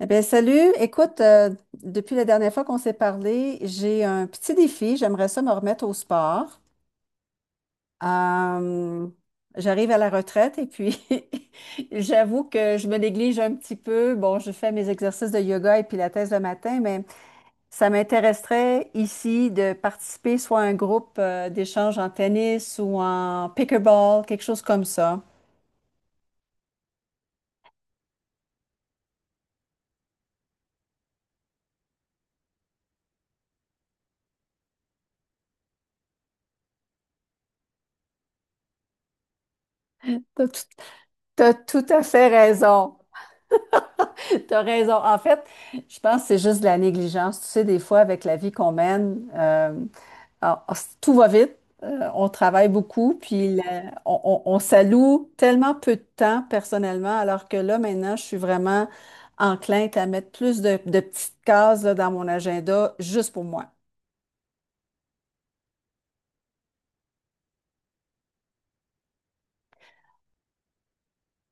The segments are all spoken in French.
Eh bien, salut. Écoute, depuis la dernière fois qu'on s'est parlé, j'ai un petit défi. J'aimerais ça me remettre au sport. Euh, j'arrive à la retraite et puis j'avoue que je me néglige un petit peu. Bon, je fais mes exercices de yoga et pilates le matin, mais ça m'intéresserait ici de participer soit à un groupe d'échange en tennis ou en pickleball, quelque chose comme ça. T'as tout, t'as tout à fait raison. T'as raison. En fait, je pense que c'est juste de la négligence. Tu sais, des fois, avec la vie qu'on mène, alors, tout va vite. On travaille beaucoup, puis on s'alloue tellement peu de temps personnellement, alors que là, maintenant, je suis vraiment enclin à mettre plus de petites cases là, dans mon agenda juste pour moi.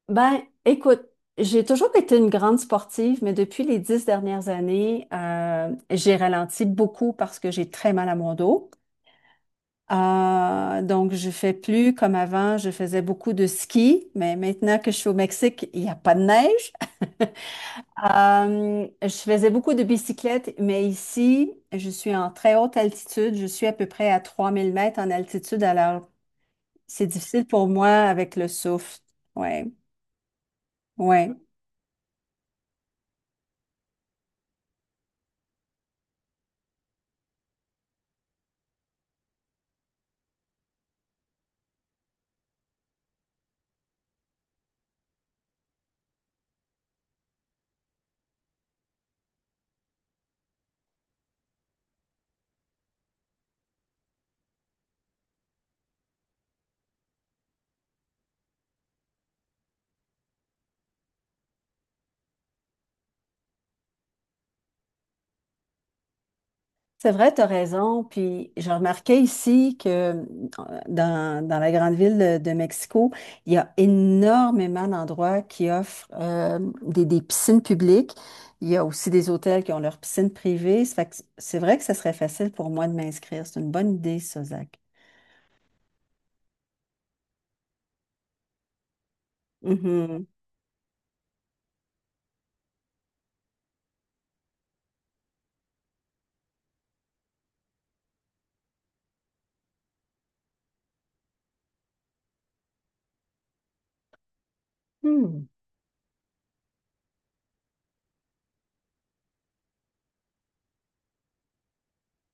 Ben, écoute, j'ai toujours été une grande sportive, mais depuis les 10 dernières années, j'ai ralenti beaucoup parce que j'ai très mal à mon dos. Donc, je fais plus comme avant, je faisais beaucoup de ski, mais maintenant que je suis au Mexique, il n'y a pas de neige. Je faisais beaucoup de bicyclette, mais ici, je suis en très haute altitude. Je suis à peu près à 3 000 mètres en altitude, alors c'est difficile pour moi avec le souffle. Ouais, ouais. C'est vrai, tu as raison. Puis j'ai remarqué ici que dans la grande ville de Mexico, il y a énormément d'endroits qui offrent des piscines publiques. Il y a aussi des hôtels qui ont leurs piscines privées. Ça fait que c'est vrai que ça serait facile pour moi de m'inscrire. C'est une bonne idée, ça, Zach. Mhm. Hmm.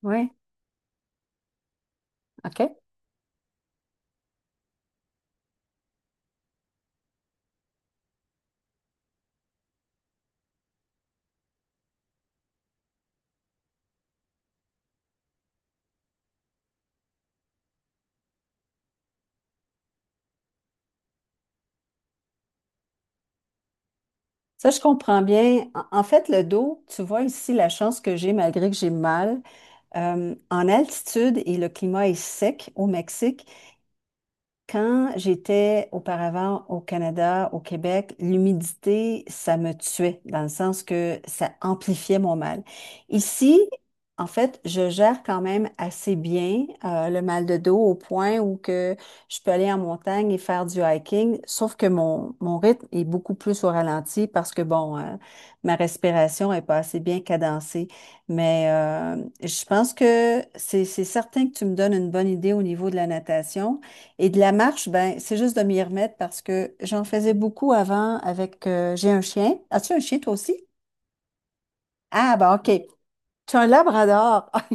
Oui, OK. Ça, je comprends bien. En fait, le dos, tu vois ici la chance que j'ai malgré que j'ai mal. En altitude et le climat est sec au Mexique. Quand j'étais auparavant au Canada, au Québec, l'humidité, ça me tuait, dans le sens que ça amplifiait mon mal. Ici, en fait, je gère quand même assez bien le mal de dos au point où que je peux aller en montagne et faire du hiking, sauf que mon rythme est beaucoup plus au ralenti parce que, bon, ma respiration est pas assez bien cadencée. Mais je pense que c'est certain que tu me donnes une bonne idée au niveau de la natation. Et de la marche, ben, c'est juste de m'y remettre parce que j'en faisais beaucoup avant avec, j'ai un chien. As-tu un chien toi aussi? Ah, ben, OK. Tu as un labrador.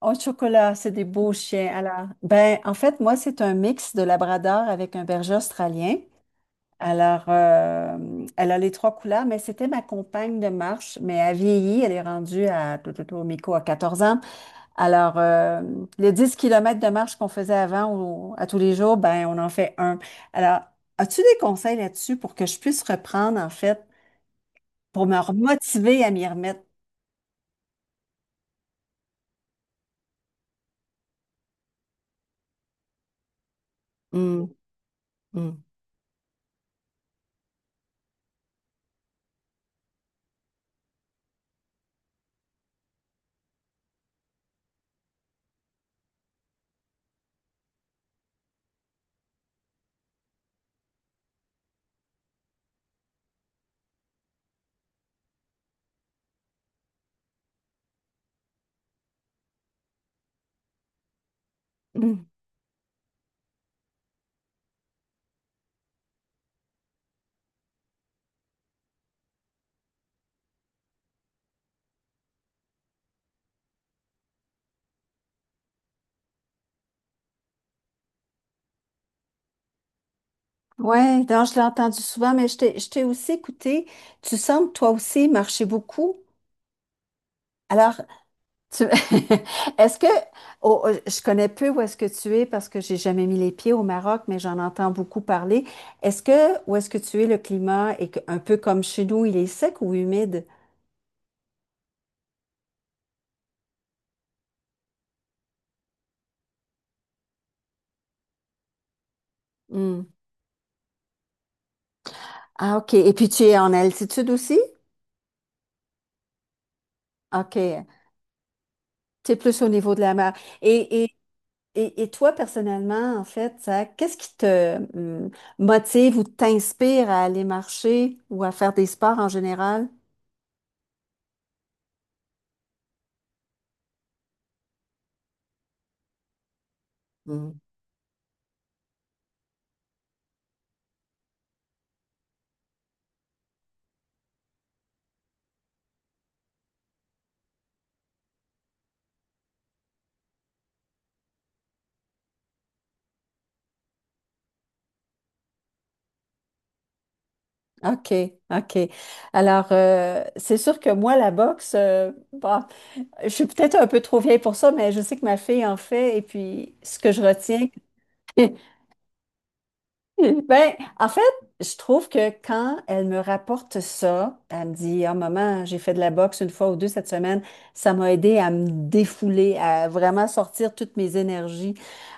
Au chocolat, c'est des beaux chiens. Alors, ben, en fait, moi, c'est un mix de labrador avec un berger australien. Alors, elle a les trois couleurs, mais c'était ma compagne de marche, mais elle vieillit. Elle est rendue à, tout, tout, tout, Miko à 14 ans. Alors, le 10 km de marche qu'on faisait avant à tous les jours, ben, on en fait un. Alors, as-tu des conseils là-dessus pour que je puisse reprendre, en fait, pour me remotiver à m'y remettre? Mm, mm, mm. Oui, donc je l'ai entendu souvent, mais je t'ai aussi écouté. Tu sembles toi aussi marcher beaucoup. Alors, Tu- Est-ce que oh, oh, je connais peu où est-ce que tu es parce que j'ai jamais mis les pieds au Maroc, mais j'en entends beaucoup parler. Est-ce que où est-ce que tu es, le climat un peu comme chez nous, il est sec ou humide? Hmm. Ah, OK. Et puis tu es en altitude aussi? OK. Tu es plus au niveau de la mer. Et, et, et toi, personnellement, en fait, ça, qu'est-ce qui te hmm, motive ou t'inspire à aller marcher ou à faire des sports en général? OK, OK. Alors, c'est sûr que moi, la boxe, bon, je suis peut-être un peu trop vieille pour ça, mais je sais que ma fille en fait. Et puis, ce que je retiens, ben, en fait, je trouve que quand elle me rapporte ça, elle me dit, « Ah, maman, j'ai fait de la boxe une fois ou deux cette semaine, ça m'a aidé à me défouler, à vraiment sortir toutes mes énergies. »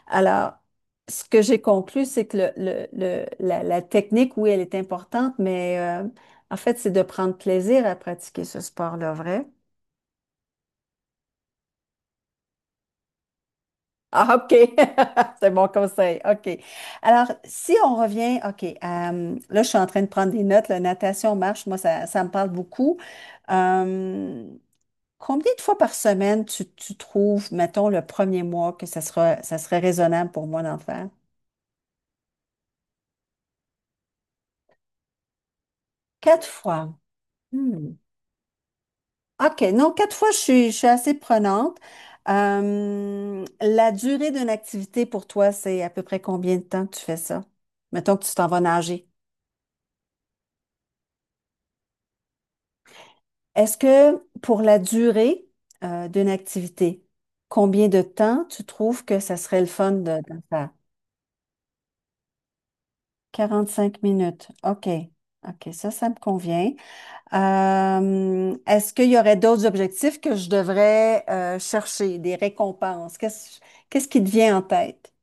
Alors, ce que j'ai conclu, c'est que la technique, oui, elle est importante, mais en fait, c'est de prendre plaisir à pratiquer ce sport-là, vrai? Ah, OK. C'est mon conseil. OK. Alors, si on revient, OK, là, je suis en train de prendre des notes. La natation, marche, moi, ça me parle beaucoup. Euh, combien de fois par semaine tu trouves, mettons, le premier mois que ça sera, ça serait raisonnable pour moi d'en faire? Quatre fois. Hmm. OK. Non, quatre fois, je suis assez prenante. La durée d'une activité pour toi, c'est à peu près combien de temps que tu fais ça? Mettons que tu t'en vas nager. Est-ce que pour la durée d'une activité, combien de temps tu trouves que ça serait le fun de faire? 5 minutes. OK. OK, ça me convient. Est-ce qu'il y aurait d'autres objectifs que je devrais chercher, des récompenses? Qu'est-ce qui te vient en tête?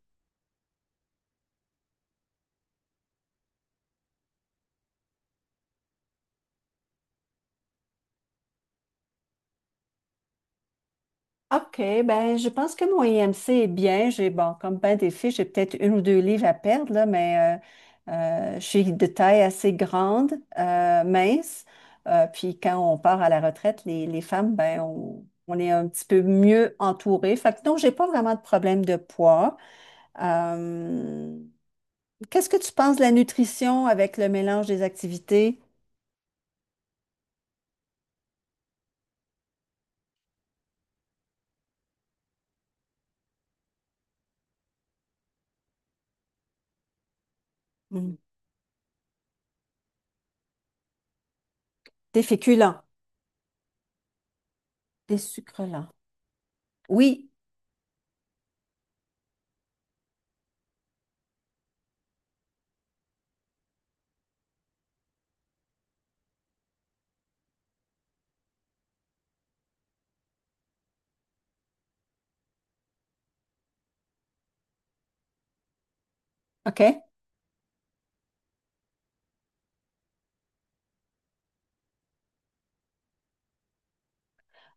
OK, ben je pense que mon IMC est bien. J'ai bon, comme ben des filles, j'ai peut-être une ou deux livres à perdre, là, mais euh, je suis de taille assez grande, mince. Puis quand on part à la retraite, les femmes, ben on est un petit peu mieux entourées. Fait que non, j'ai pas vraiment de problème de poids. Euh, Qu'est-ce que tu penses de la nutrition avec le mélange des activités? Mm. Des féculents, des sucres lents. Oui, OK.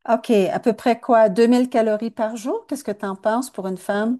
OK, à peu près quoi? 2 000 calories par jour? Qu'est-ce que tu en penses pour une femme?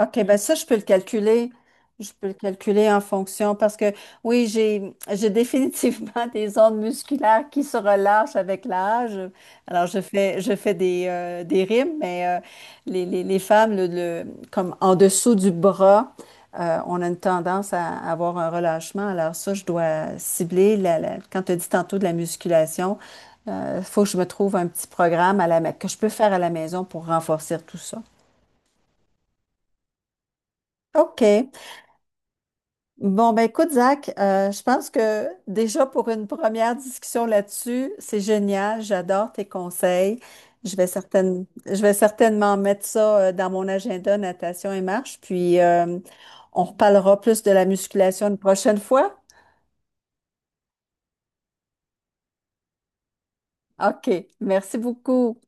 OK, ben ça, je peux le calculer. Je peux le calculer en fonction parce que oui, j'ai définitivement des ondes musculaires qui se relâchent avec l'âge. Alors, je fais des rimes, mais les femmes, comme en dessous du bras, on a une tendance à avoir un relâchement. Alors ça, je dois cibler quand tu as dit tantôt de la musculation, il faut que je me trouve un petit programme à que je peux faire à la maison pour renforcer tout ça. OK. Bon, ben écoute, Zach, je pense que déjà pour une première discussion là-dessus, c'est génial. J'adore tes conseils. Je vais certainement mettre ça dans mon agenda, natation et marche. Puis on reparlera plus de la musculation une prochaine fois. OK. Merci beaucoup.